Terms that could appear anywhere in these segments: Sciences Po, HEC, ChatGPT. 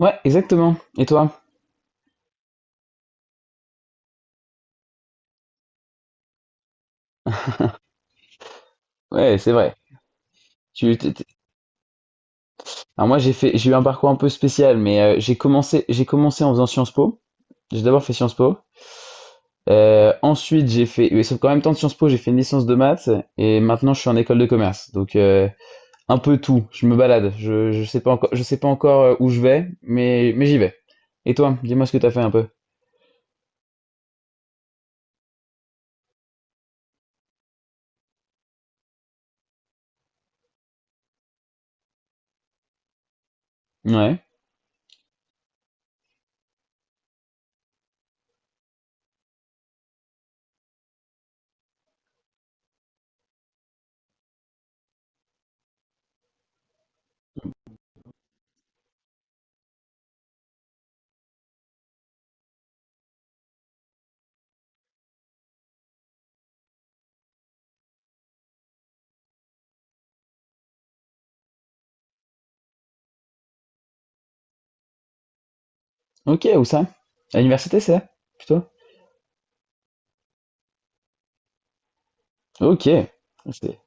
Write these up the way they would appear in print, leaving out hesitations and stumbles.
Ouais, exactement. Et toi? Ouais, c'est vrai. Tu, t'es- t'es- Alors moi, j'ai eu un parcours un peu spécial, mais j'ai commencé en faisant Sciences Po. J'ai d'abord fait Sciences Po. Ensuite, et sauf qu'en même temps de Sciences Po, j'ai fait une licence de maths et maintenant je suis en école de commerce. Donc un peu tout. Je me balade. Je sais pas encore, où je vais, mais j'y vais. Et toi, dis-moi ce que t'as fait un peu. Ouais. Ok, où ça? À l'université, c'est là? Plutôt? Ok. C'est-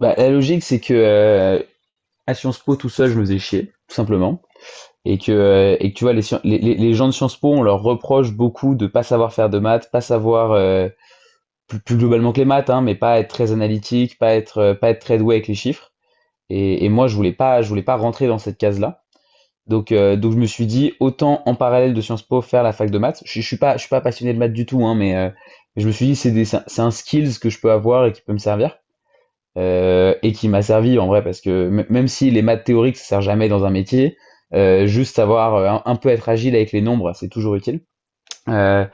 Bah, la logique, c'est que à Sciences Po tout seul, je me faisais chier, tout simplement. Et que tu vois, les gens de Sciences Po, on leur reproche beaucoup de pas savoir faire de maths, pas savoir, plus globalement que les maths, hein, mais pas être très analytique, pas être très doué avec les chiffres. Et moi, je voulais pas rentrer dans cette case-là. Donc je me suis dit, autant en parallèle de Sciences Po faire la fac de maths. Je suis pas passionné de maths du tout, hein, mais je me suis dit, c'est un skills que je peux avoir et qui peut me servir et qui m'a servi en vrai parce que même si les maths théoriques ça sert jamais dans un métier, juste savoir un peu être agile avec les nombres c'est toujours utile. Euh,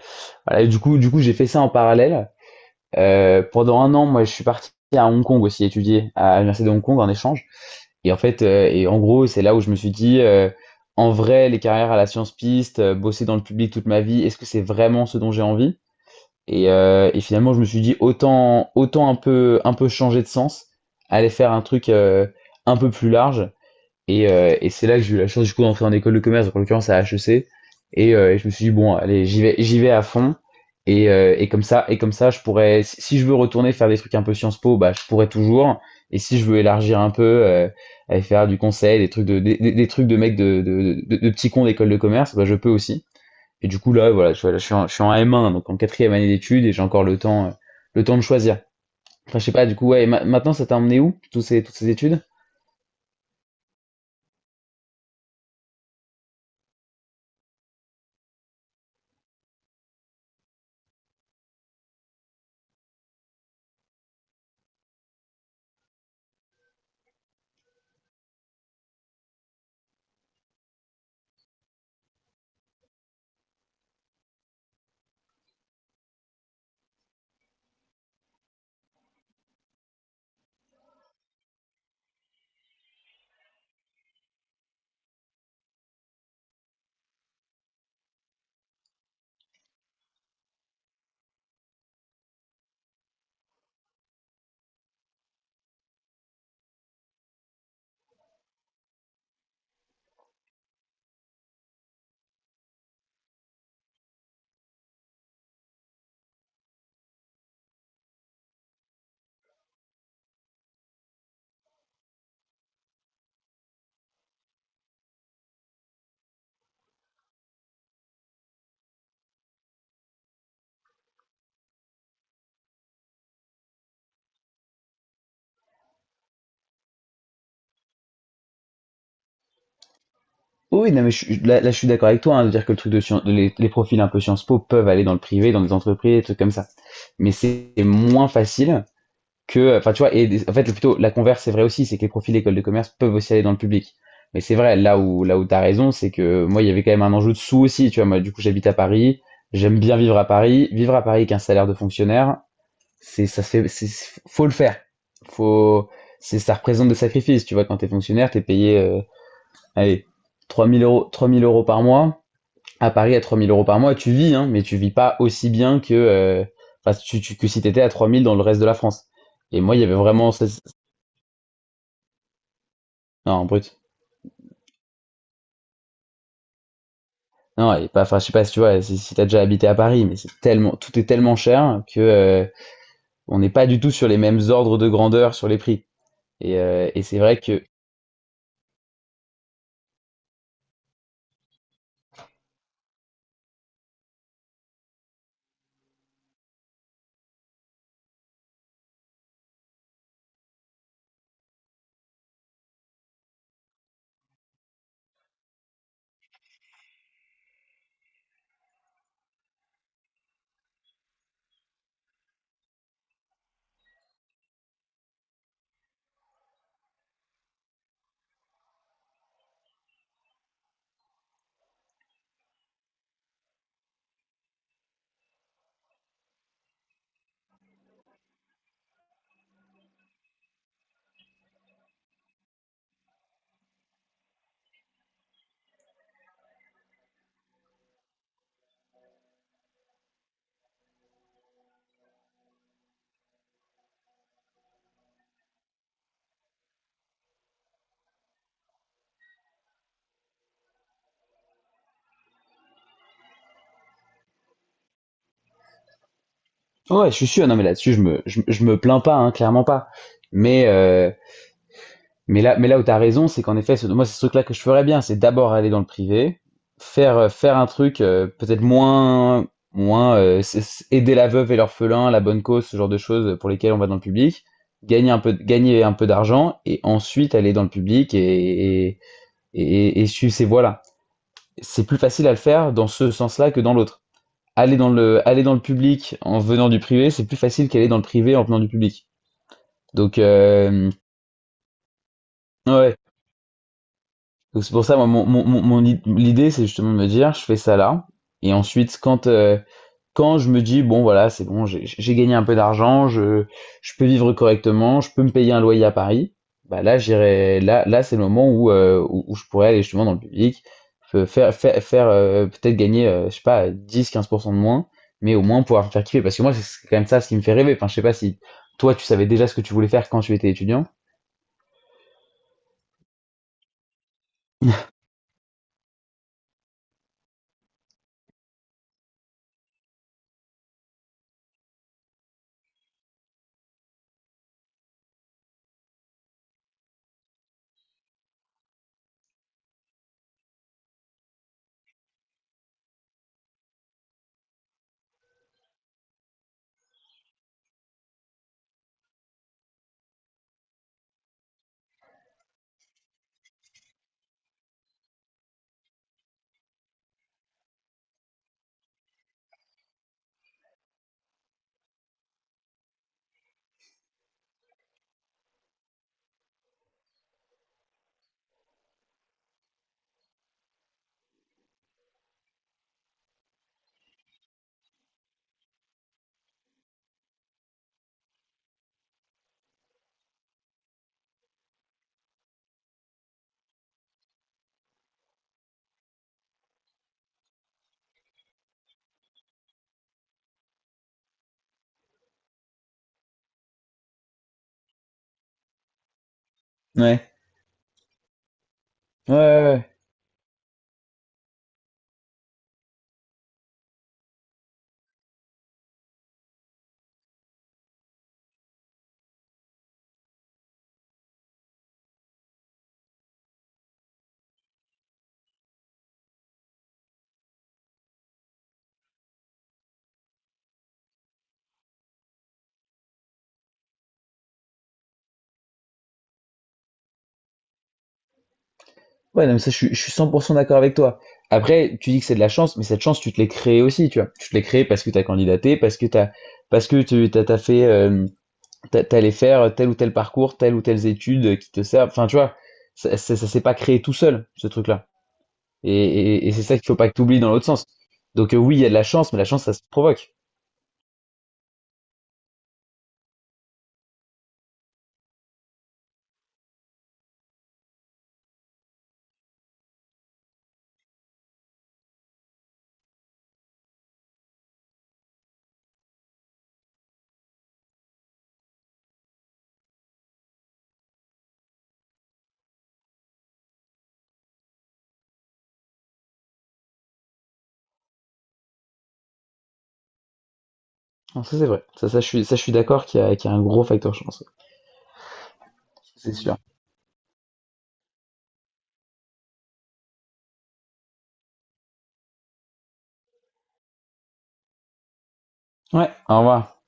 voilà, et du coup j'ai fait ça en parallèle. Pendant un an, moi je suis parti à Hong Kong aussi étudier à l'université de Hong Kong en échange. Et en fait, et en gros c'est là où je me suis dit, en vrai les carrières à la science piste, bosser dans le public toute ma vie, est-ce que c'est vraiment ce dont j'ai envie? Et finalement, je me suis dit autant un peu changer de sens, aller faire un truc un peu plus large. Et c'est là que j'ai eu la chance du coup d'entrer en école de commerce, donc en l'occurrence à HEC. Et je me suis dit bon, allez, j'y vais à fond. Et comme ça, je pourrais, si je veux retourner faire des trucs un peu Sciences Po, bah je pourrais toujours. Et si je veux élargir un peu, aller faire du conseil, des trucs de mecs de petits cons d'école de commerce, bah je peux aussi. Et du coup, là, voilà, je suis en M1, donc en quatrième année d'études, et j'ai encore le temps de choisir. Enfin, je sais pas, du coup, ouais, et maintenant, ça t'a emmené où, toutes ces études? Oh oui, non, mais je suis d'accord avec toi, hein, de dire que le truc de scien- de les profils un peu Sciences Po peuvent aller dans le privé, dans des entreprises, des trucs comme ça. Mais c'est moins facile que, enfin, tu vois, en fait, plutôt, la converse, c'est vrai aussi, c'est que les profils école de commerce peuvent aussi aller dans le public. Mais c'est vrai, là où t'as raison, c'est que moi, il y avait quand même un enjeu de sous aussi, tu vois, moi, du coup, j'habite à Paris, j'aime bien vivre à Paris avec un salaire de fonctionnaire. Ça se fait, faut le faire. Faut, Ça représente des sacrifices. Tu vois, quand t'es fonctionnaire, t'es payé, allez, 3000 euros par mois. À Paris, à 3000 euros par mois, tu vis, hein, mais tu vis pas aussi bien que, enfin, que si t'étais à 3000 dans le reste de la France. Et moi, il y avait vraiment, non, brut. Non, et pas, enfin, je sais pas si tu vois, si t'as déjà habité à Paris, mais c'est tellement, tout est tellement cher que, on n'est pas du tout sur les mêmes ordres de grandeur sur les prix. Et c'est vrai que. Ouais, je suis sûr. Non, mais là-dessus, je me plains pas, hein, clairement pas. Mais, euh, mais là, là où t'as raison, c'est qu'en effet, moi, c'est ce truc-là que je ferais bien, c'est d'abord aller dans le privé, faire un truc peut-être moins, c'est aider la veuve et l'orphelin, la bonne cause, ce genre de choses pour lesquelles on va dans le public, gagner un peu d'argent et ensuite aller dans le public et suivre ces voies-là. C'est plus facile à le faire dans ce sens-là que dans l'autre. Aller dans le public en venant du privé, c'est plus facile qu'aller dans le privé en venant du public. Donc, ouais, donc c'est pour ça, moi, l'idée, c'est justement de me dire, je fais ça là. Et ensuite, quand je me dis, bon, voilà, c'est bon, j'ai gagné un peu d'argent, je peux vivre correctement, je peux me payer un loyer à Paris, bah là, j'irai, là, c'est le moment où, où je pourrais aller justement dans le public, fe- faire, faire, faire peut-être gagner, je sais pas, 10-15% de moins, mais au moins pouvoir me faire kiffer. Parce que moi, c'est quand même ça ce qui me fait rêver. Enfin, je sais pas si toi, tu savais déjà ce que tu voulais faire quand tu étais étudiant. Ouais. Ouais, ouais, ouais. Ouais, non, mais ça, je suis 100% d'accord avec toi. Après, tu dis que c'est de la chance, mais cette chance, tu te l'es créée aussi, tu vois. Tu te l'es créée parce que tu as candidaté, parce que t'as, parce que tu t'as, t'as fait, t'as- t'allais faire tel ou tel parcours, telles ou telles études qui te servent. Enfin, tu vois, ça s'est pas créé tout seul, ce truc-là. Et, et c'est ça qu'il faut pas que tu oublies dans l'autre sens. Donc, oui, il y a de la chance, mais la chance, ça se provoque. Non, ça, c'est vrai. Je suis d'accord qu'il y a un gros facteur chance. Ouais. C'est sûr. Ouais, au revoir.